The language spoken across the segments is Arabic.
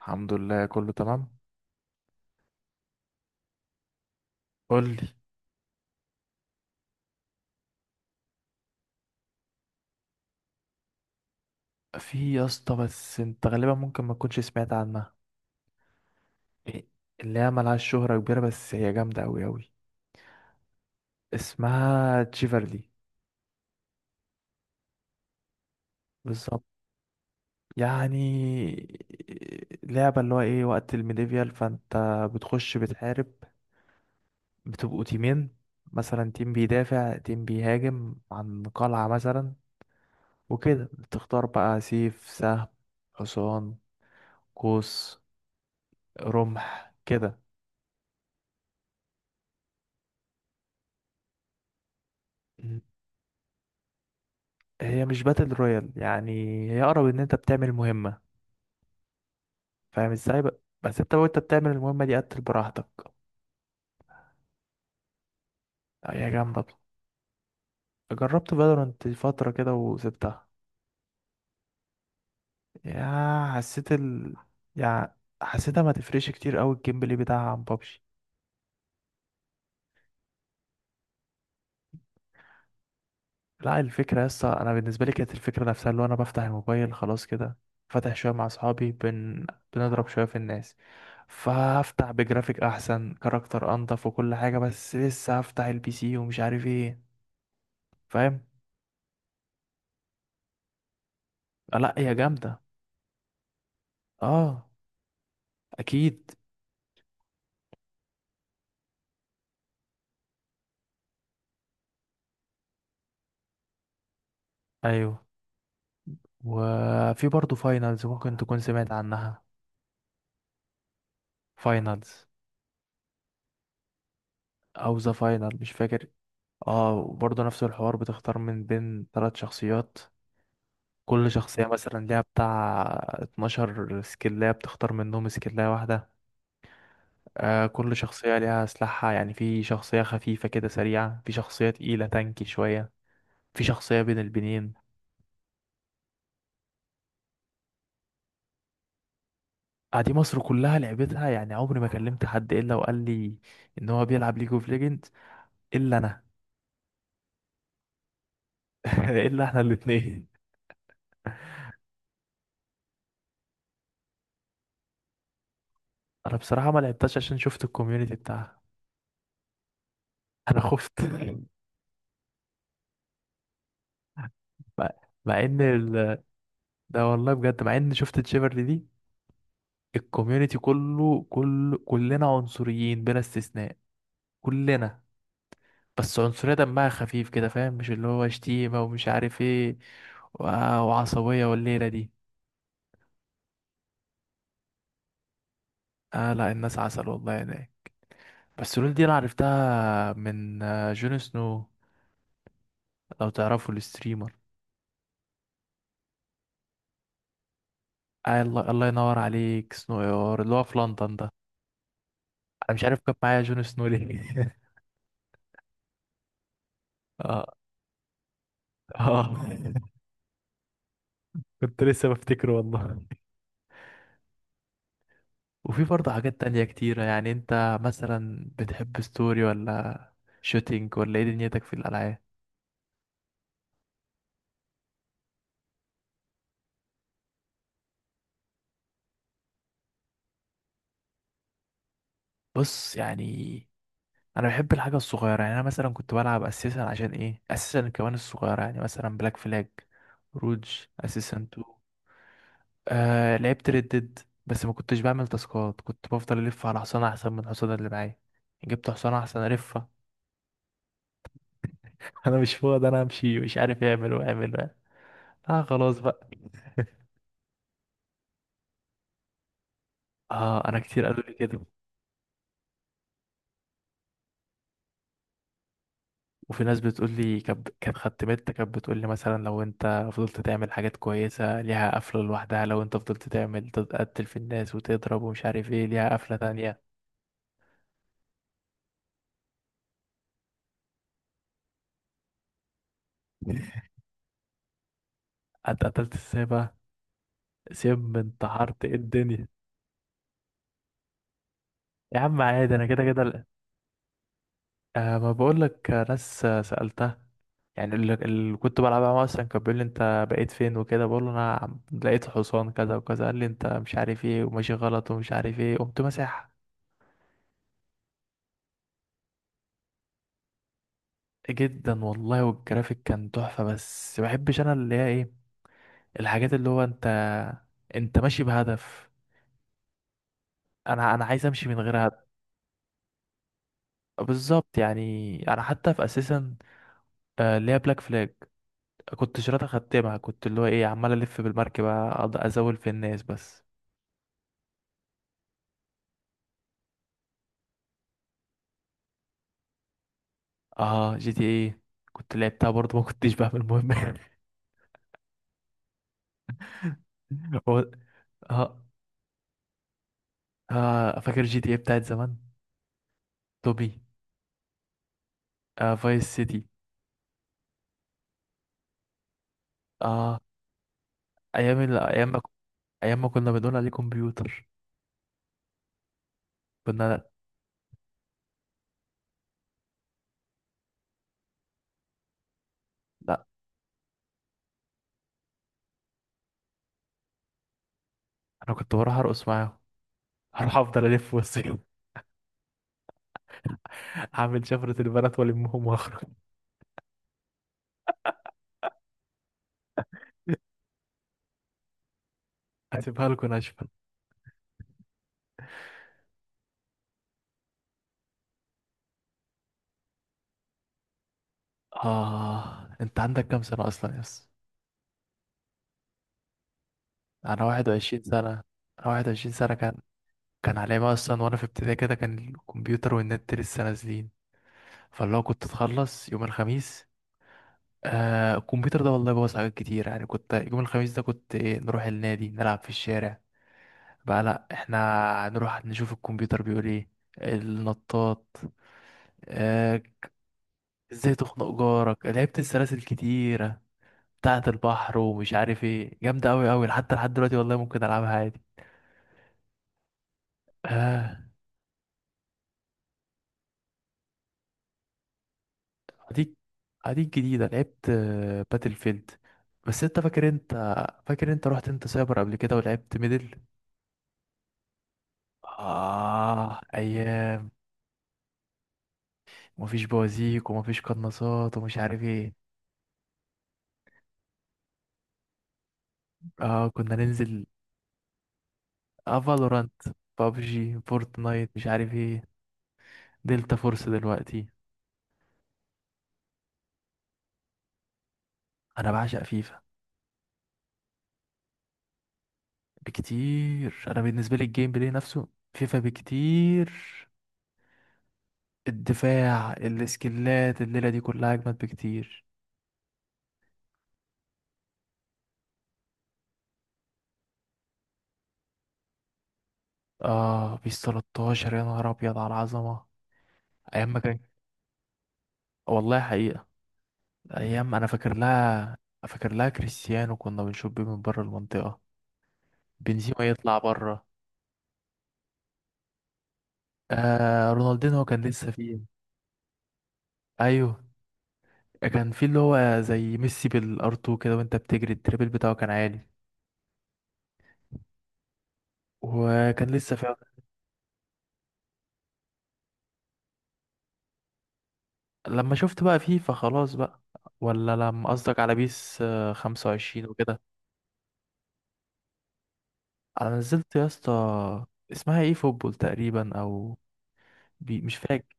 الحمد لله كله تمام. قول لي. في يا اسطى بس انت غالبا ممكن ما تكونش سمعت عنها. إيه؟ اللي هي ملهاش شهرة كبيرة بس هي جامدة أوي أوي. اسمها تشيفرلي. بالظبط. يعني لعبة اللي هو ايه وقت الميديفيال فانت، بتخش بتحارب، بتبقوا تيمين، مثلا تيم بيدافع تيم بيهاجم عن قلعة مثلا. وكده بتختار بقى سيف، سهم، حصان، قوس، رمح كده. هي مش باتل رويال يعني، هي اقرب ان انت بتعمل مهمة. فاهم ازاي بقى، بس انت وانت بتعمل المهمة دي قتل براحتك. لا، هي جامدة. جربت فالورانت فترة كده وسبتها. يا حسيت ال يعني حسيتها ما تفرقش كتير قوي الجيم بلاي بتاعها عن بابجي. لا الفكرة يسطا، انا بالنسبة لي كانت الفكرة نفسها اللي هو انا بفتح الموبايل خلاص كده، فاتح شوية مع اصحابي بنضرب شوية في الناس. فهفتح بجرافيك احسن، كاركتر انضف، وكل حاجة، بس لسه هفتح البي سي ومش عارف ايه. فاهم. لا هي جامدة. اه. اكيد. ايوه. وفي برضه فاينلز ممكن تكون سمعت عنها. فاينلز، او ذا فاينل مش فاكر. اه وبرضه نفس الحوار، بتختار من بين ثلاث شخصيات، كل شخصية مثلا ليها بتاع 12 سكلاية، بتختار منهم سكلاية واحدة. آه كل شخصية ليها سلاحها، يعني في شخصية خفيفة كده سريعة، في شخصية تقيلة تانكي شوية، في شخصية بين البنين. دي مصر كلها لعبتها يعني، عمري ما كلمت حد الا وقال لي ان هو بيلعب ليج اوف ليجند الا انا. الا احنا الاثنين. انا بصراحه ما لعبتش عشان شفت الكوميونتي بتاعها. انا خفت. مع مع ده والله بجد مع ان شفت تشيفرلي دي، الكوميونتي كله، كلنا عنصريين بلا استثناء، كلنا، بس عنصرية دمها خفيف كده فاهم، مش اللي هو شتيمة ومش عارف ايه و- وعصبية والليلة دي. اه لا الناس عسل والله هناك. بس لول دي انا عرفتها من جون سنو، لو تعرفوا الستريمر. آه الله، الله ينور عليك، سنو اير اللي هو في لندن ده. انا مش عارف كان معايا جون سنو ليه. اه. اه كنت لسه بفتكره والله. وفي برضه حاجات تانية كتيرة، يعني انت مثلا بتحب ستوري ولا شوتينج ولا ايه دنيتك في الالعاب؟ بص يعني، انا بحب الحاجة الصغيرة، يعني انا مثلا كنت بلعب اساسا عشان ايه، اساسا كمان الصغيرة، يعني مثلا بلاك فلاج، روج، اساسا 2. آه لعبت ردد بس ما كنتش بعمل تاسكات، كنت بفضل الف على حصان احسن من الحصان اللي معايا، جبت حصان احسن الفه. انا مش فاضي، انا امشي مش عارف اعمل واعمل وأعمل. اه خلاص بقى. اه انا كتير قالوا لي كده. وفي ناس بتقول لي، كانت خدمتها كانت بتقول لي مثلا لو انت فضلت تعمل حاجات كويسه ليها قفله لوحدها، لو انت فضلت تعمل تقتل في الناس وتضرب ومش عارف ايه ليها قفله تانية. اتقتلت ازاي بقى؟ سم، انتحرت، ايه الدنيا؟ يا عم عادي انا كده كده. أه ما بقولك، ناس سألتها. يعني اللي كنت بلعبها معاه أصلا كان بيقول لي أنت بقيت فين وكده، بقول له أنا لقيت حصان كذا وكذا، قال لي أنت مش عارف إيه وماشي غلط ومش عارف إيه، قمت مساحة. جدا والله، والجرافيك كان تحفة، بس ما بحبش أنا اللي هي إيه، الحاجات اللي هو أنت أنت ماشي بهدف، أنا عايز أمشي من غير هدف. بالظبط يعني، أنا حتى في أساسا اللي هي بلاك فلاج، كنت شرطة خدتمها، كنت اللي هو إيه عمال ألف بالمركبة أقعد أزول في الناس بس. اه جي تي ايه كنت لعبتها برضه، ما كنتش بقى المهم. هو، اه. اه فاكر جي تي ايه بتاعت زمان، توبي، آه فايس سيتي. اه ايام ال... ايام ما ايام ما كنا بنقول عليه كمبيوتر. كنا لا, لا. انا كنت بروح ارقص معاهم. هروح افضل الف وسط. اعمل شفرة البنات والمهم واخرج. هسيبها لكم ناشفة. اه انت عندك كام سنة اصلا يس؟ انا 21 سنة انا. 21 سنة. كان كان عليا بقى اصلا وانا في ابتدائي كده، كان الكمبيوتر والنت لسه نازلين، فاللي هو كنت اتخلص يوم الخميس. آه الكمبيوتر ده والله بوظ حاجات كتير، يعني كنت يوم الخميس ده كنت إيه نروح النادي نلعب في الشارع، بقى لا احنا هنروح نشوف الكمبيوتر بيقول ايه. النطاط. آه. ازاي تخنق جارك لعبت، السلاسل كتيرة بتاعة البحر ومش عارف ايه، جامدة اوي اوي حتى لحد دلوقتي، والله ممكن العبها عادي. آه. اديك اديك جديدة، لعبت باتل فيلد. بس انت فاكر، انت رحت انت سايبر قبل كده ولعبت ميدل. اه ايام. ومفيش بوازيك ومفيش قناصات ومش عارف ايه. اه كنا ننزل. اه فالورانت، بابجي، فورتنايت، مش عارف ايه، دلتا فورس دلوقتي. انا بعشق فيفا بكتير. انا بالنسبة لي الجيم بلاي نفسه فيفا بكتير، الدفاع، السكيلات، الليلة دي كلها اجمد بكتير. اه بيس 13 يا نهار ابيض على العظمه. ايام ما كان، والله حقيقه، ايام فاكر لها، فاكر لها كريستيانو كنا بنشوف بيه من بره المنطقه، بنزيما يطلع بره، آه رونالدينو كان لسه فيه. ايوه كان في اللي هو زي ميسي بالارتو كده، وانت بتجري التريبل بتاعه كان عالي، وكان لسه فيه. لما شفت بقى فيفا خلاص بقى، ولا لما قصدك على بيس 25 وكده. انا نزلت يا اسطى، اسمها ايه، فوتبول تقريبا او بي مش فاكر.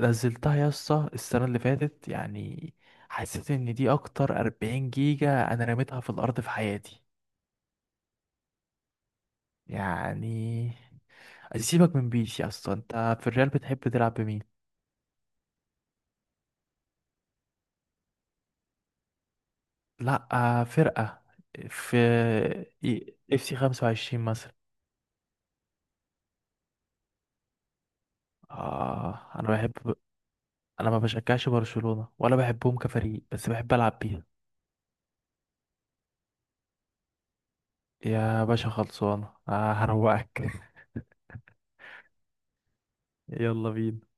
نزلتها يا اسطى السنة اللي فاتت يعني، حسيت ان دي اكتر 40 جيجا انا رميتها في الارض في حياتي يعني. سيبك من بيس يا اسطى، انت في الريال بتحب تلعب بمين؟ لا فرقة، في اف سي 25 مثلا. اه انا بحب. انا ما بشجعش برشلونة ولا بحبهم كفريق، بس بحب العب بيها. يا باشا خلصانة آه هروقك. يلا بينا.